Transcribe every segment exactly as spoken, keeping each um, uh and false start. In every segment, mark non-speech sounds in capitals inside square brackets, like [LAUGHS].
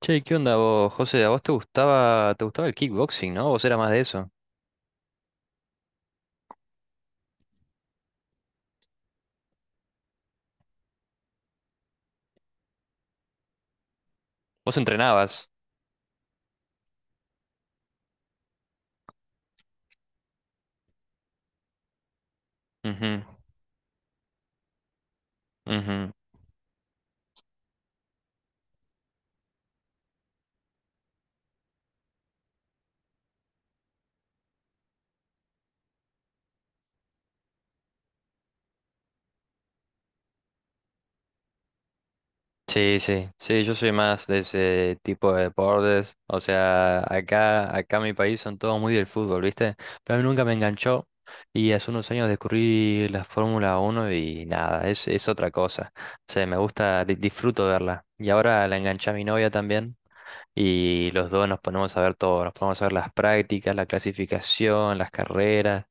Che, ¿qué onda vos, José? ¿A vos te gustaba, te gustaba el kickboxing, ¿no? ¿Vos era más de eso? ¿Vos entrenabas? Ujú, ujú. Sí, sí, sí, yo soy más de ese tipo de deportes. O sea, acá, acá en mi país son todos muy del fútbol, ¿viste? Pero a mí nunca me enganchó y hace unos años descubrí la Fórmula uno y nada, es, es otra cosa. O sea, me gusta, di- disfruto verla. Y ahora la enganché a mi novia también. Y los dos nos ponemos a ver todo, nos ponemos a ver las prácticas, la clasificación, las carreras.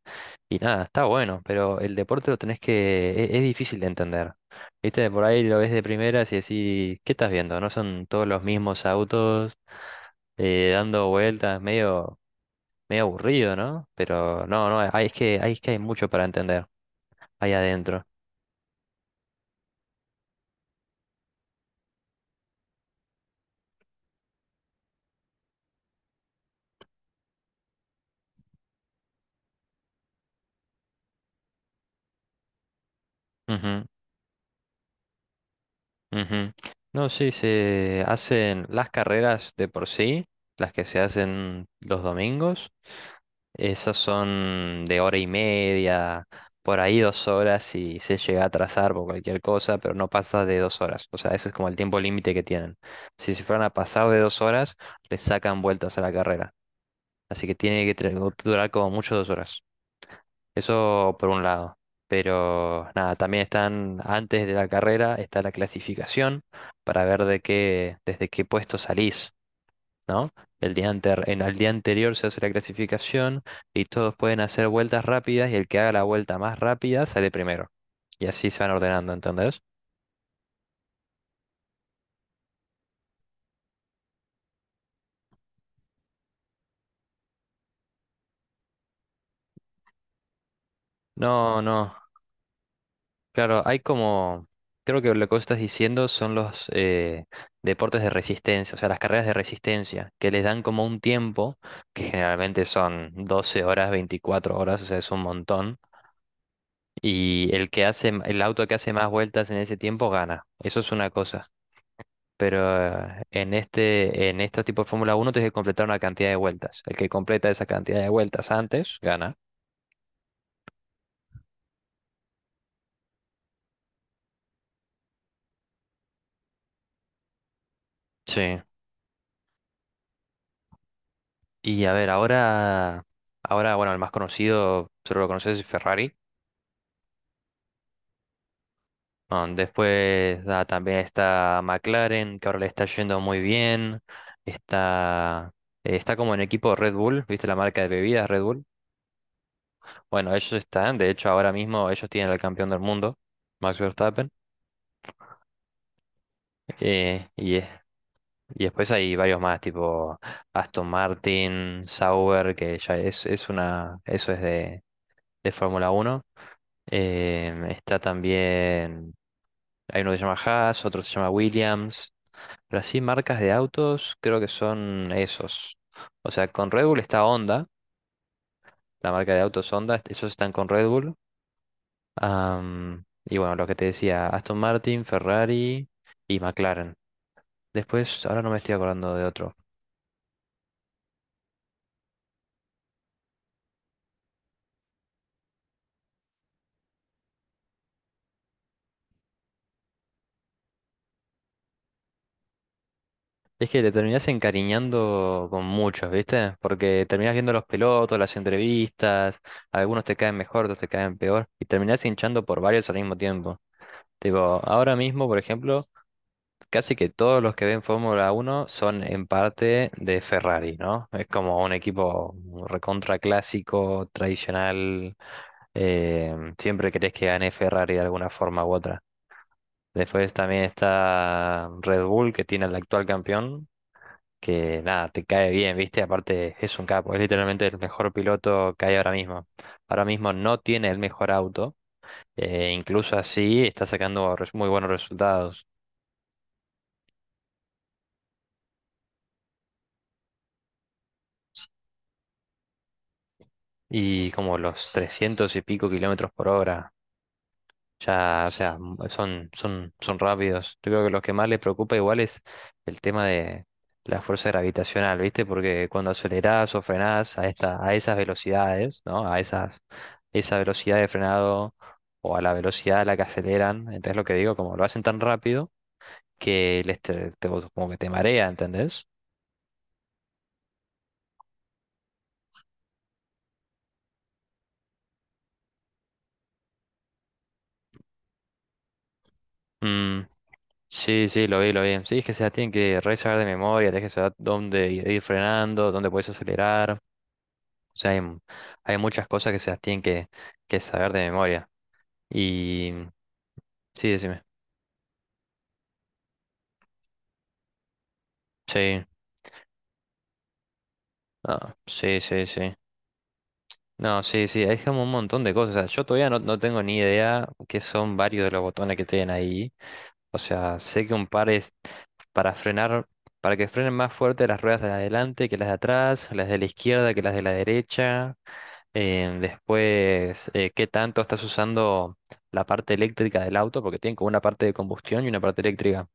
Y nada, está bueno, pero el deporte lo tenés que… e- Es difícil de entender. Viste, por ahí lo ves de primeras y decís, ¿qué estás viendo? ¿No son todos los mismos autos eh, dando vueltas? Medio, medio aburrido, ¿no? Pero no, no, hay, es que, hay, es que hay mucho para entender ahí adentro. Ujú, ujú. No, sí, se hacen las carreras de por sí, las que se hacen los domingos. Esas son de hora y media, por ahí dos horas y se llega a atrasar por cualquier cosa, pero no pasa de dos horas. O sea, ese es como el tiempo límite que tienen. Si se fueran a pasar de dos horas, les sacan vueltas a la carrera. Así que tiene que tre- durar como mucho dos horas. Eso por un lado. Pero nada, también están antes de la carrera, está la clasificación para ver de qué, desde qué puesto salís. ¿No? El día anter- en, el día anterior se hace la clasificación y todos pueden hacer vueltas rápidas y el que haga la vuelta más rápida sale primero. Y así se van ordenando, ¿entendés? No, no. Claro, hay como… Creo que lo que vos estás diciendo son los eh, deportes de resistencia, o sea, las carreras de resistencia, que les dan como un tiempo, que generalmente son doce horas, veinticuatro horas, o sea, es un montón, y el que hace, el auto que hace más vueltas en ese tiempo gana. Eso es una cosa. Pero eh, en este, en estos tipos de Fórmula Uno tienes que completar una cantidad de vueltas. El que completa esa cantidad de vueltas antes, gana. Sí. Y a ver, ahora, ahora, bueno, el más conocido, solo lo conoces, es Ferrari. Ah, después ah, también está McLaren, que ahora le está yendo muy bien. Está, está como en equipo Red Bull, ¿viste la marca de bebidas Red Bull? Bueno, ellos están, de hecho, ahora mismo ellos tienen al campeón del mundo, Max Verstappen. Eh, y es Y después hay varios más, tipo Aston Martin, Sauber, que ya es, es una, eso es de, de Fórmula Uno. Em, está también, hay uno que se llama Haas, otro que se llama Williams. Pero así marcas de autos creo que son esos. O sea, con Red Bull está Honda, la marca de autos Honda, esos están con Red Bull. Am, y bueno, lo que te decía, Aston Martin, Ferrari y McLaren. Después, ahora no me estoy acordando de otro. Es que te terminás encariñando con muchos, ¿viste? Porque terminás viendo los pilotos, las entrevistas, algunos te caen mejor, otros te caen peor, y terminás hinchando por varios al mismo tiempo. Tipo, ahora mismo, por ejemplo, casi que todos los que ven Fórmula Uno son en parte de Ferrari, ¿no? Es como un equipo recontra clásico, tradicional, eh, siempre querés que gane Ferrari de alguna forma u otra. Después también está Red Bull, que tiene al actual campeón, que nada, te cae bien, ¿viste? Aparte es un capo, es literalmente el mejor piloto que hay ahora mismo. Ahora mismo no tiene el mejor auto, eh, incluso así está sacando res- muy buenos resultados. Y como los trescientos y pico kilómetros por hora. Ya, o sea, m- son, son, son rápidos. Yo creo que lo que más les preocupa igual es el tema de la fuerza gravitacional, ¿viste? Porque cuando acelerás o frenás a esta, a esas velocidades, ¿no? A esas, esa velocidad de frenado o a la velocidad a la que aceleran, ¿entendés lo que digo? Como lo hacen tan rápido que les te, te- como que te marea, ¿entendés? Mm, sí, sí, lo vi, lo vi. Sí, es que se la tienen que re saber de memoria, tenés que saber dónde ir ir frenando, dónde puedes acelerar. O sea, hay, m- hay muchas cosas que se las tienen que, que saber de memoria. Y sí, decime. Sí, ah, sí, sí, sí. No, sí, sí, hay como un montón de cosas. O sea, yo todavía no, no tengo ni idea qué son varios de los botones que tienen ahí. O sea, sé que un par es para frenar, para que frenen más fuerte las ruedas de adelante que las de atrás, las de la izquierda que las de la derecha. Em, después, eh, qué tanto estás usando la parte eléctrica del auto, porque tienen como una parte de combustión y una parte eléctrica.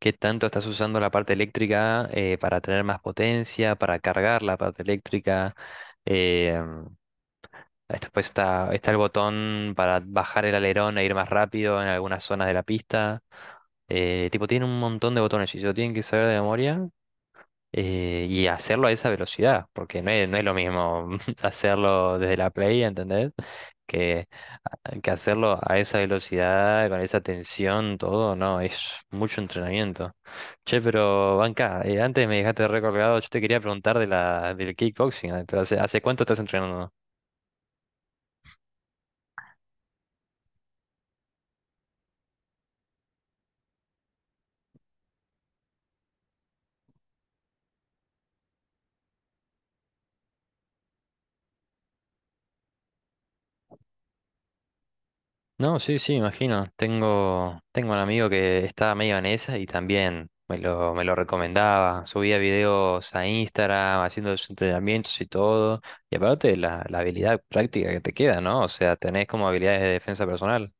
¿Qué tanto estás usando la parte eléctrica eh, para tener más potencia, para cargar la parte eléctrica? Eh, Después está, está el botón para bajar el alerón e ir más rápido en algunas zonas de la pista. Eh, tipo, tiene un montón de botones y se lo tienen que saber de memoria eh, y hacerlo a esa velocidad, porque no es, no es lo mismo [LAUGHS] hacerlo desde la Play, ¿entendés? Que, que hacerlo a esa velocidad, con esa tensión, todo, no, es mucho entrenamiento. Che, pero Banca, eh, antes me dejaste recolgado, yo te quería preguntar de la, del kickboxing, eh, pero ¿hace, hace cuánto estás entrenando? No, sí, sí, imagino. Tengo, tengo un amigo que estaba medio en esa y también me lo, me lo recomendaba. Subía videos a Instagram haciendo sus entrenamientos y todo. Y aparte la, la habilidad práctica que te queda, ¿no? O sea, tenés como habilidades de defensa personal.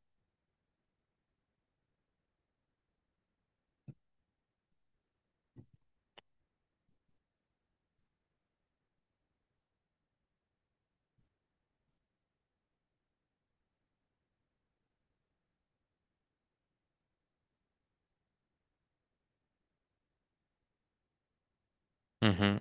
Ujú,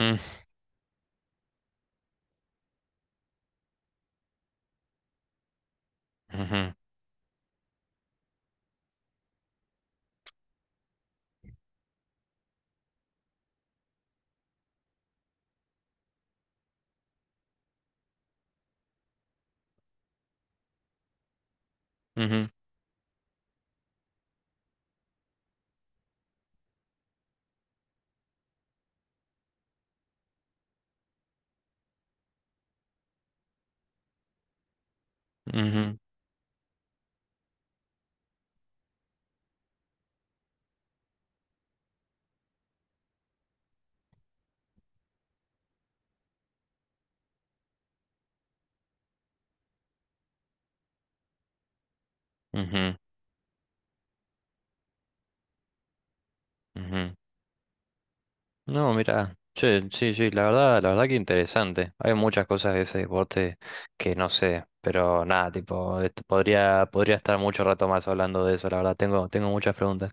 mm, ujú, ujú, ujú, ujú, ujú. No, mira, che, sí, sí, la verdad, la verdad que interesante. Hay muchas cosas de ese deporte que no sé, pero nada, tipo, este, podría, podría estar mucho rato más hablando de eso, la verdad, tengo, tengo muchas preguntas.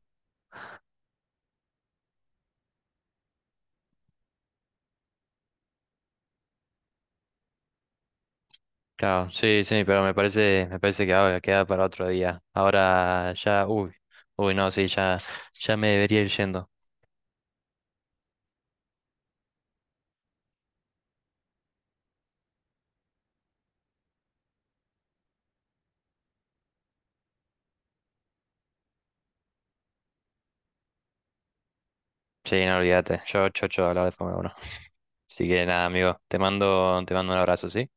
Claro, sí, sí, pero me parece, me parece que ahora queda para otro día. Ahora ya, uy, uy, no, sí, ya, ya me debería ir yendo. Sí, no olvídate, yo chocho de hablar de Fórmula uno. Así que nada, amigo, te mando, te mando un abrazo, ¿sí?